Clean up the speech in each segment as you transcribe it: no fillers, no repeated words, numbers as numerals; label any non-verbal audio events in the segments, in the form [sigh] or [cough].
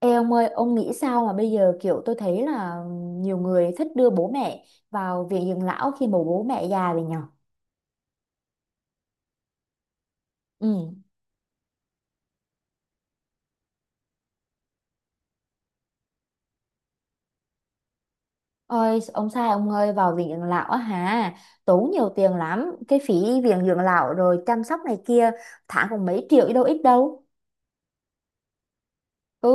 Ê ông ơi, ông nghĩ sao mà bây giờ kiểu tôi thấy là nhiều người thích đưa bố mẹ vào viện dưỡng lão khi mà bố mẹ già rồi nhở? Ừ. Ôi, ông sai ông ơi, vào viện dưỡng lão á hả? Tốn nhiều tiền lắm, cái phí viện dưỡng lão rồi chăm sóc này kia, tháng cũng mấy triệu chứ đâu ít đâu. Ừ.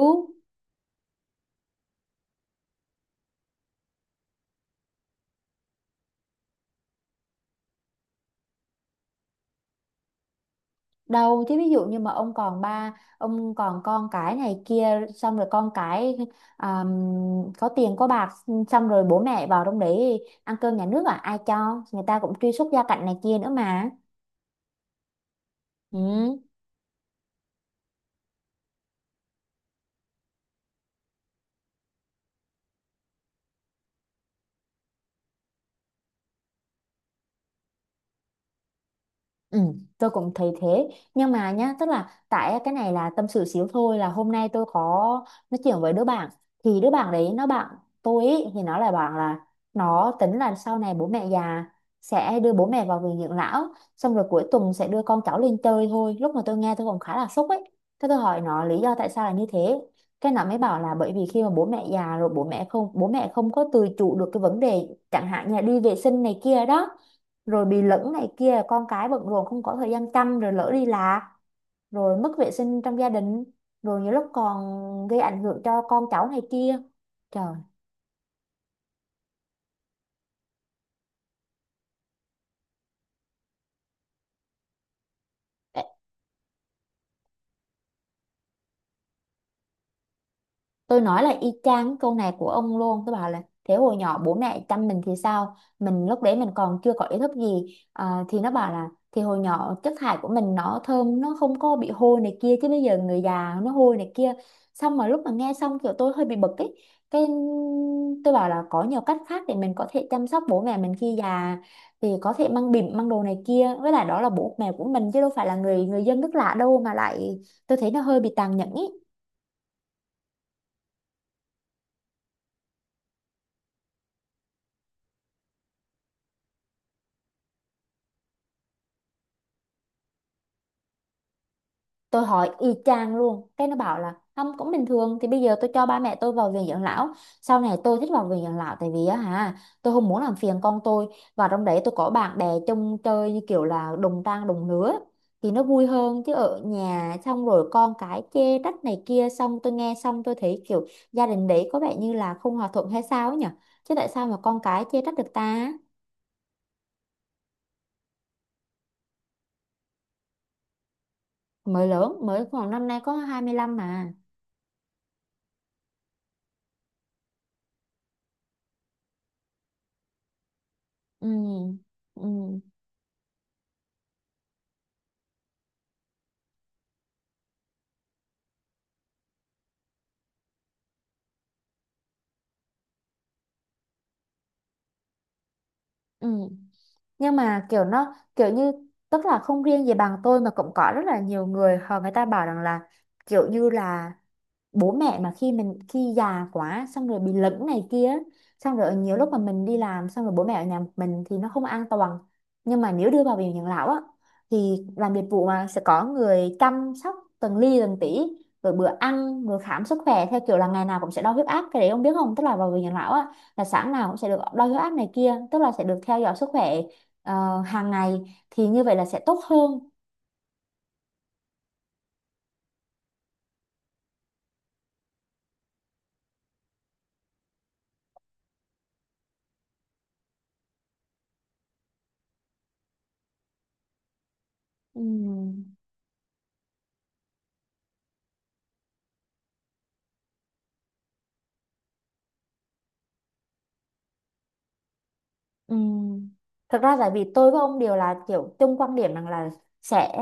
Đâu chứ ví dụ như mà ông còn ba ông còn con cái này kia xong rồi con cái có tiền có bạc xong rồi bố mẹ vào trong đấy ăn cơm nhà nước à, ai cho, người ta cũng truy xuất gia cảnh này kia nữa mà. Ừ. Ừ, tôi cũng thấy thế nhưng mà nhá, tức là tại cái này là tâm sự xíu thôi, là hôm nay tôi có nói chuyện với đứa bạn, thì đứa bạn đấy nó, bạn tôi ý, thì nó lại bảo là nó tính là sau này bố mẹ già sẽ đưa bố mẹ vào viện dưỡng lão xong rồi cuối tuần sẽ đưa con cháu lên chơi thôi. Lúc mà tôi nghe tôi còn khá là sốc ấy. Thế tôi hỏi nó lý do tại sao là như thế, cái nó mới bảo là bởi vì khi mà bố mẹ già rồi bố mẹ không có tự chủ được cái vấn đề chẳng hạn như là đi vệ sinh này kia đó, rồi bị lẫn này kia, con cái bận rộn không có thời gian chăm rồi lỡ đi lạc, rồi mất vệ sinh trong gia đình, rồi nhiều lúc còn gây ảnh hưởng cho con cháu này kia. Trời. Tôi nói là y chang cái câu này của ông luôn. Tôi bảo là thế hồi nhỏ bố mẹ chăm mình thì sao? Mình lúc đấy mình còn chưa có ý thức gì à? Thì nó bảo là thì hồi nhỏ chất thải của mình nó thơm, nó không có bị hôi này kia, chứ bây giờ người già nó hôi này kia. Xong mà lúc mà nghe xong kiểu tôi hơi bị bực ấy. Cái tôi bảo là có nhiều cách khác để mình có thể chăm sóc bố mẹ mình khi già, thì có thể mang bỉm mang đồ này kia, với lại đó là bố mẹ của mình chứ đâu phải là người, người dân nước lạ đâu mà lại. Tôi thấy nó hơi bị tàn nhẫn ý. Tôi hỏi y chang luôn, cái nó bảo là không cũng bình thường, thì bây giờ tôi cho ba mẹ tôi vào viện dưỡng lão, sau này tôi thích vào viện dưỡng lão, tại vì á hả tôi không muốn làm phiền con tôi và trong đấy tôi có bạn bè chung chơi như kiểu là đồng trang đồng lứa thì nó vui hơn, chứ ở nhà xong rồi con cái chê trách này kia. Xong tôi nghe xong tôi thấy kiểu gia đình đấy có vẻ như là không hòa thuận hay sao ấy nhỉ, chứ tại sao mà con cái chê trách được ta. Mới lớn mới khoảng năm nay có 25 mà. Ừ. Ừ. Ừ. Nhưng mà kiểu nó kiểu như tức là không riêng gì bằng tôi mà cũng có rất là nhiều người họ, người ta bảo rằng là kiểu như là bố mẹ mà khi mình, khi già quá xong rồi bị lẫn này kia, xong rồi nhiều lúc mà mình đi làm xong rồi bố mẹ ở nhà một mình thì nó không an toàn, nhưng mà nếu đưa vào viện养lão á thì làm dịch vụ mà sẽ có người chăm sóc từng ly từng tí, rồi bữa ăn rồi khám sức khỏe theo kiểu là ngày nào cũng sẽ đo huyết áp. Cái đấy ông biết không, tức là vào viện养lão á là sáng nào cũng sẽ được đo huyết áp này kia, tức là sẽ được theo dõi sức khỏe hàng ngày, thì như vậy là sẽ tốt hơn. Ừ. Ừm, thật ra tại vì tôi với ông đều là kiểu chung quan điểm rằng là sẽ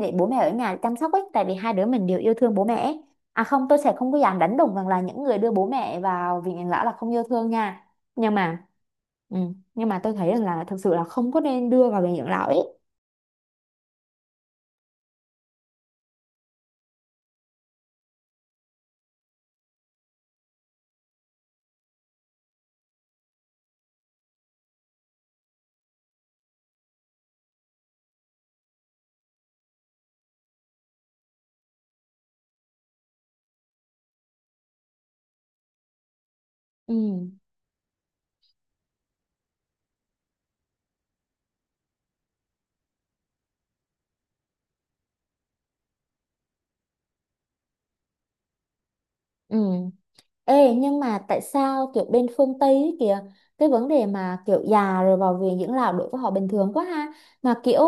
để bố mẹ ở nhà chăm sóc ấy, tại vì hai đứa mình đều yêu thương bố mẹ ấy. À không, tôi sẽ không có dám đánh đồng rằng là những người đưa bố mẹ vào viện养lão là không yêu thương nha, nhưng mà nhưng mà tôi thấy rằng là thực sự là không có nên đưa vào viện养lão ấy. Ừ. Ừ. Ê, nhưng mà tại sao kiểu bên phương Tây ấy kìa, cái vấn đề mà kiểu già rồi vào viện dưỡng lão đối với họ bình thường quá ha, mà kiểu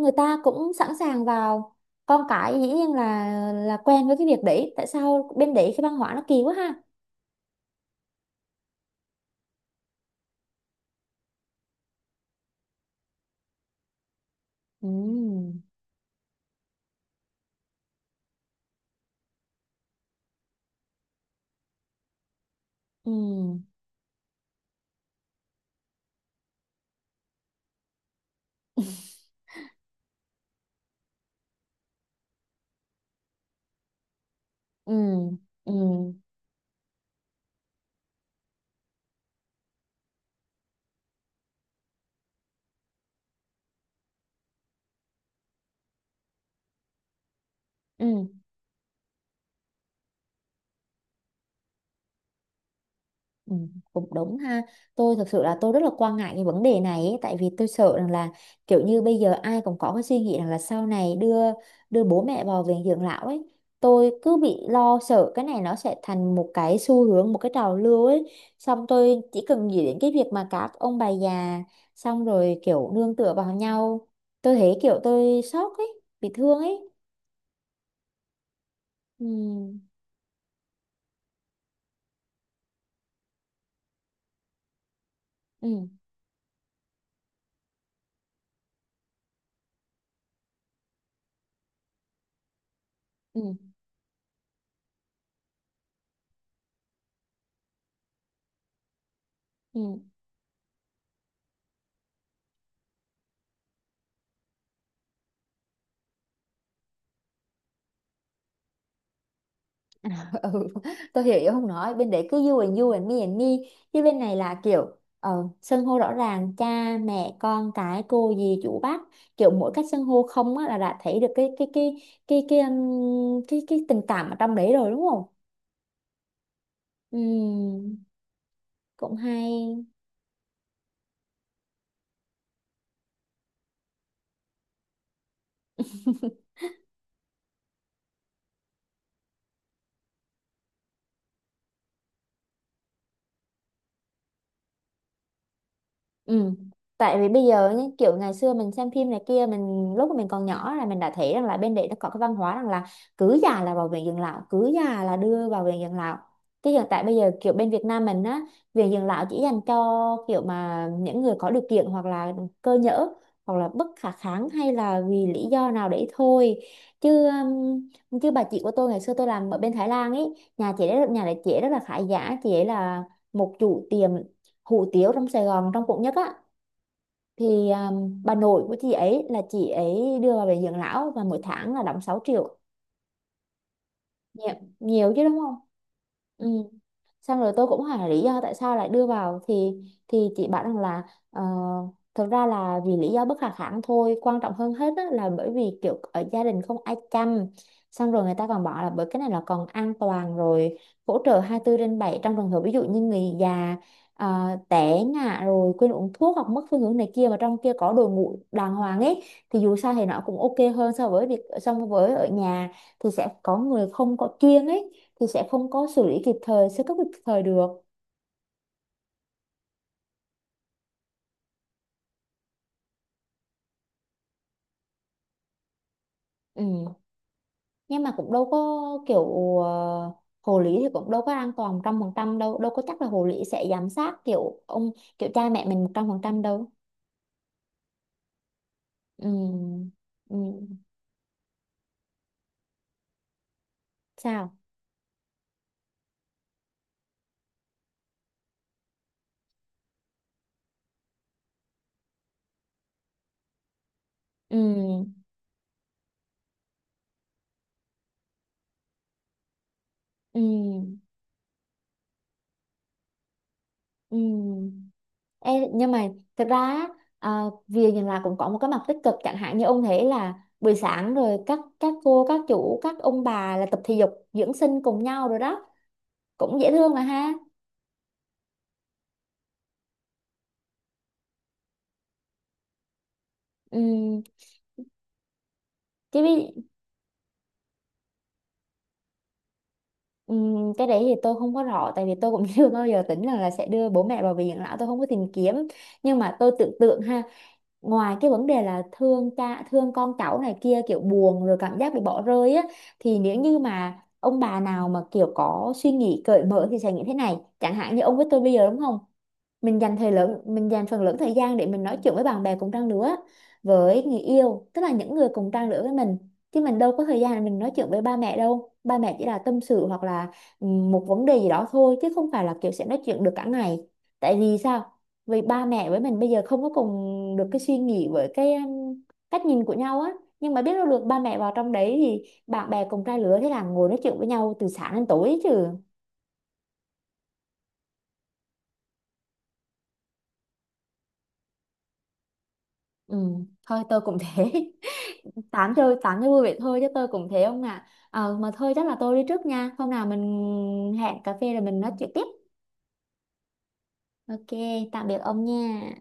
người ta cũng sẵn sàng vào, con cái dĩ nhiên là quen với cái việc đấy. Tại sao bên đấy cái văn hóa nó kỳ quá ha. Ừ. Ừ. Ừ. Ừ. Ừ. [laughs] Ừ, cũng đúng ha. Tôi thật sự là tôi rất là quan ngại cái vấn đề này ấy, tại vì tôi sợ rằng là kiểu như bây giờ ai cũng có cái suy nghĩ rằng là sau này đưa đưa bố mẹ vào viện dưỡng lão ấy. Tôi cứ bị lo sợ cái này nó sẽ thành một cái xu hướng, một cái trào lưu ấy. Xong tôi chỉ cần nghĩ đến cái việc mà các ông bà già xong rồi kiểu nương tựa vào nhau, tôi thấy kiểu tôi sốc ấy, bị thương ấy. Ừ, ừ, ừ, ừ. [laughs] Ừ, tôi hiểu ý, không nói bên đấy cứ you and you and me and me, chứ bên này là kiểu xưng hô rõ ràng, cha mẹ con cái cô dì chú bác, kiểu mỗi cách xưng hô không á là đã thấy được cái cái tình cảm ở trong đấy rồi đúng không. Ừm, cũng hay. Ừ. Tại vì bây giờ nhá, kiểu ngày xưa mình xem phim này kia, mình lúc mà mình còn nhỏ là mình đã thấy rằng là bên đấy nó có cái văn hóa rằng là cứ già là vào viện dưỡng lão, cứ già là đưa vào viện dưỡng lão. Cái hiện tại bây giờ kiểu bên Việt Nam mình á, viện dưỡng lão chỉ dành cho kiểu mà những người có điều kiện, hoặc là cơ nhỡ, hoặc là bất khả kháng hay là vì lý do nào đấy thôi chứ chứ bà chị của tôi ngày xưa tôi làm ở bên Thái Lan ấy, nhà chị ấy, nhà đấy chị ấy rất là khá giả, chị ấy là một chủ tiệm hủ tiếu trong Sài Gòn, trong quận nhất á. Thì bà nội của chị ấy là chị ấy đưa vào bệnh dưỡng lão và mỗi tháng là đóng 6 triệu. Nhiều, nhiều chứ đúng không. Ừ. Xong rồi tôi cũng hỏi là lý do tại sao lại đưa vào thì chị bảo rằng là ờ, thực ra là vì lý do bất khả kháng thôi, quan trọng hơn hết á, là bởi vì kiểu ở gia đình không ai chăm. Xong rồi người ta còn bảo là bởi cái này là còn an toàn, rồi hỗ trợ 24 trên 7 trong trường hợp ví dụ như người già té ngã rồi quên uống thuốc hoặc mất phương hướng này kia, mà trong kia có đội ngũ đàng hoàng ấy thì dù sao thì nó cũng ok hơn so với việc, so với ở nhà thì sẽ có người không có chuyên ấy thì sẽ không có xử lý kịp thời, sơ cấp kịp thời được. Ừ. Nhưng mà cũng đâu có kiểu ờ, hồ lý thì cũng đâu có an toàn 100% đâu, đâu có chắc là hồ lý sẽ giám sát kiểu ông, kiểu cha mẹ mình 100% đâu. Ừ. Ừ. Sao. Ừ. Ừ. Ừ. Ê, nhưng mà thật ra á, à, việc nhìn là cũng có một cái mặt tích cực, chẳng hạn như ông thấy là buổi sáng rồi các cô, các chủ, các ông bà là tập thể dục dưỡng sinh cùng nhau rồi đó, cũng dễ thương mà ha. Ừ. Cái đấy thì tôi không có rõ tại vì tôi cũng [laughs] chưa bao giờ tính rằng là sẽ đưa bố mẹ vào viện dưỡng lão, tôi không có tìm kiếm, nhưng mà tôi tưởng tượng ha, ngoài cái vấn đề là thương cha thương con cháu này kia, kiểu buồn rồi cảm giác bị bỏ rơi á, thì nếu như mà ông bà nào mà kiểu có suy nghĩ cởi mở thì sẽ như thế này, chẳng hạn như ông với tôi bây giờ đúng không, mình dành thời lượng, mình dành phần lớn thời gian để mình nói chuyện với bạn bè cùng trang lứa, với người yêu, tức là những người cùng trang lứa với mình, chứ mình đâu có thời gian để mình nói chuyện với ba mẹ đâu, ba mẹ chỉ là tâm sự hoặc là ừ, một vấn đề gì đó thôi chứ không phải là kiểu sẽ nói chuyện được cả ngày. Tại vì sao? Vì ba mẹ với mình bây giờ không có cùng được cái suy nghĩ với cái cách nhìn của nhau á, nhưng mà biết đâu được ba mẹ vào trong đấy thì bạn bè cùng trang lứa thế là ngồi nói chuyện với nhau từ sáng đến tối chứ. Ừ, thôi tôi cũng thế. [laughs] Tám chơi tám cho vui vậy thôi chứ tôi cũng thế ông ạ. À, mà thôi chắc là tôi đi trước nha, hôm nào mình hẹn cà phê rồi mình nói chuyện tiếp. Ok, tạm biệt ông nha.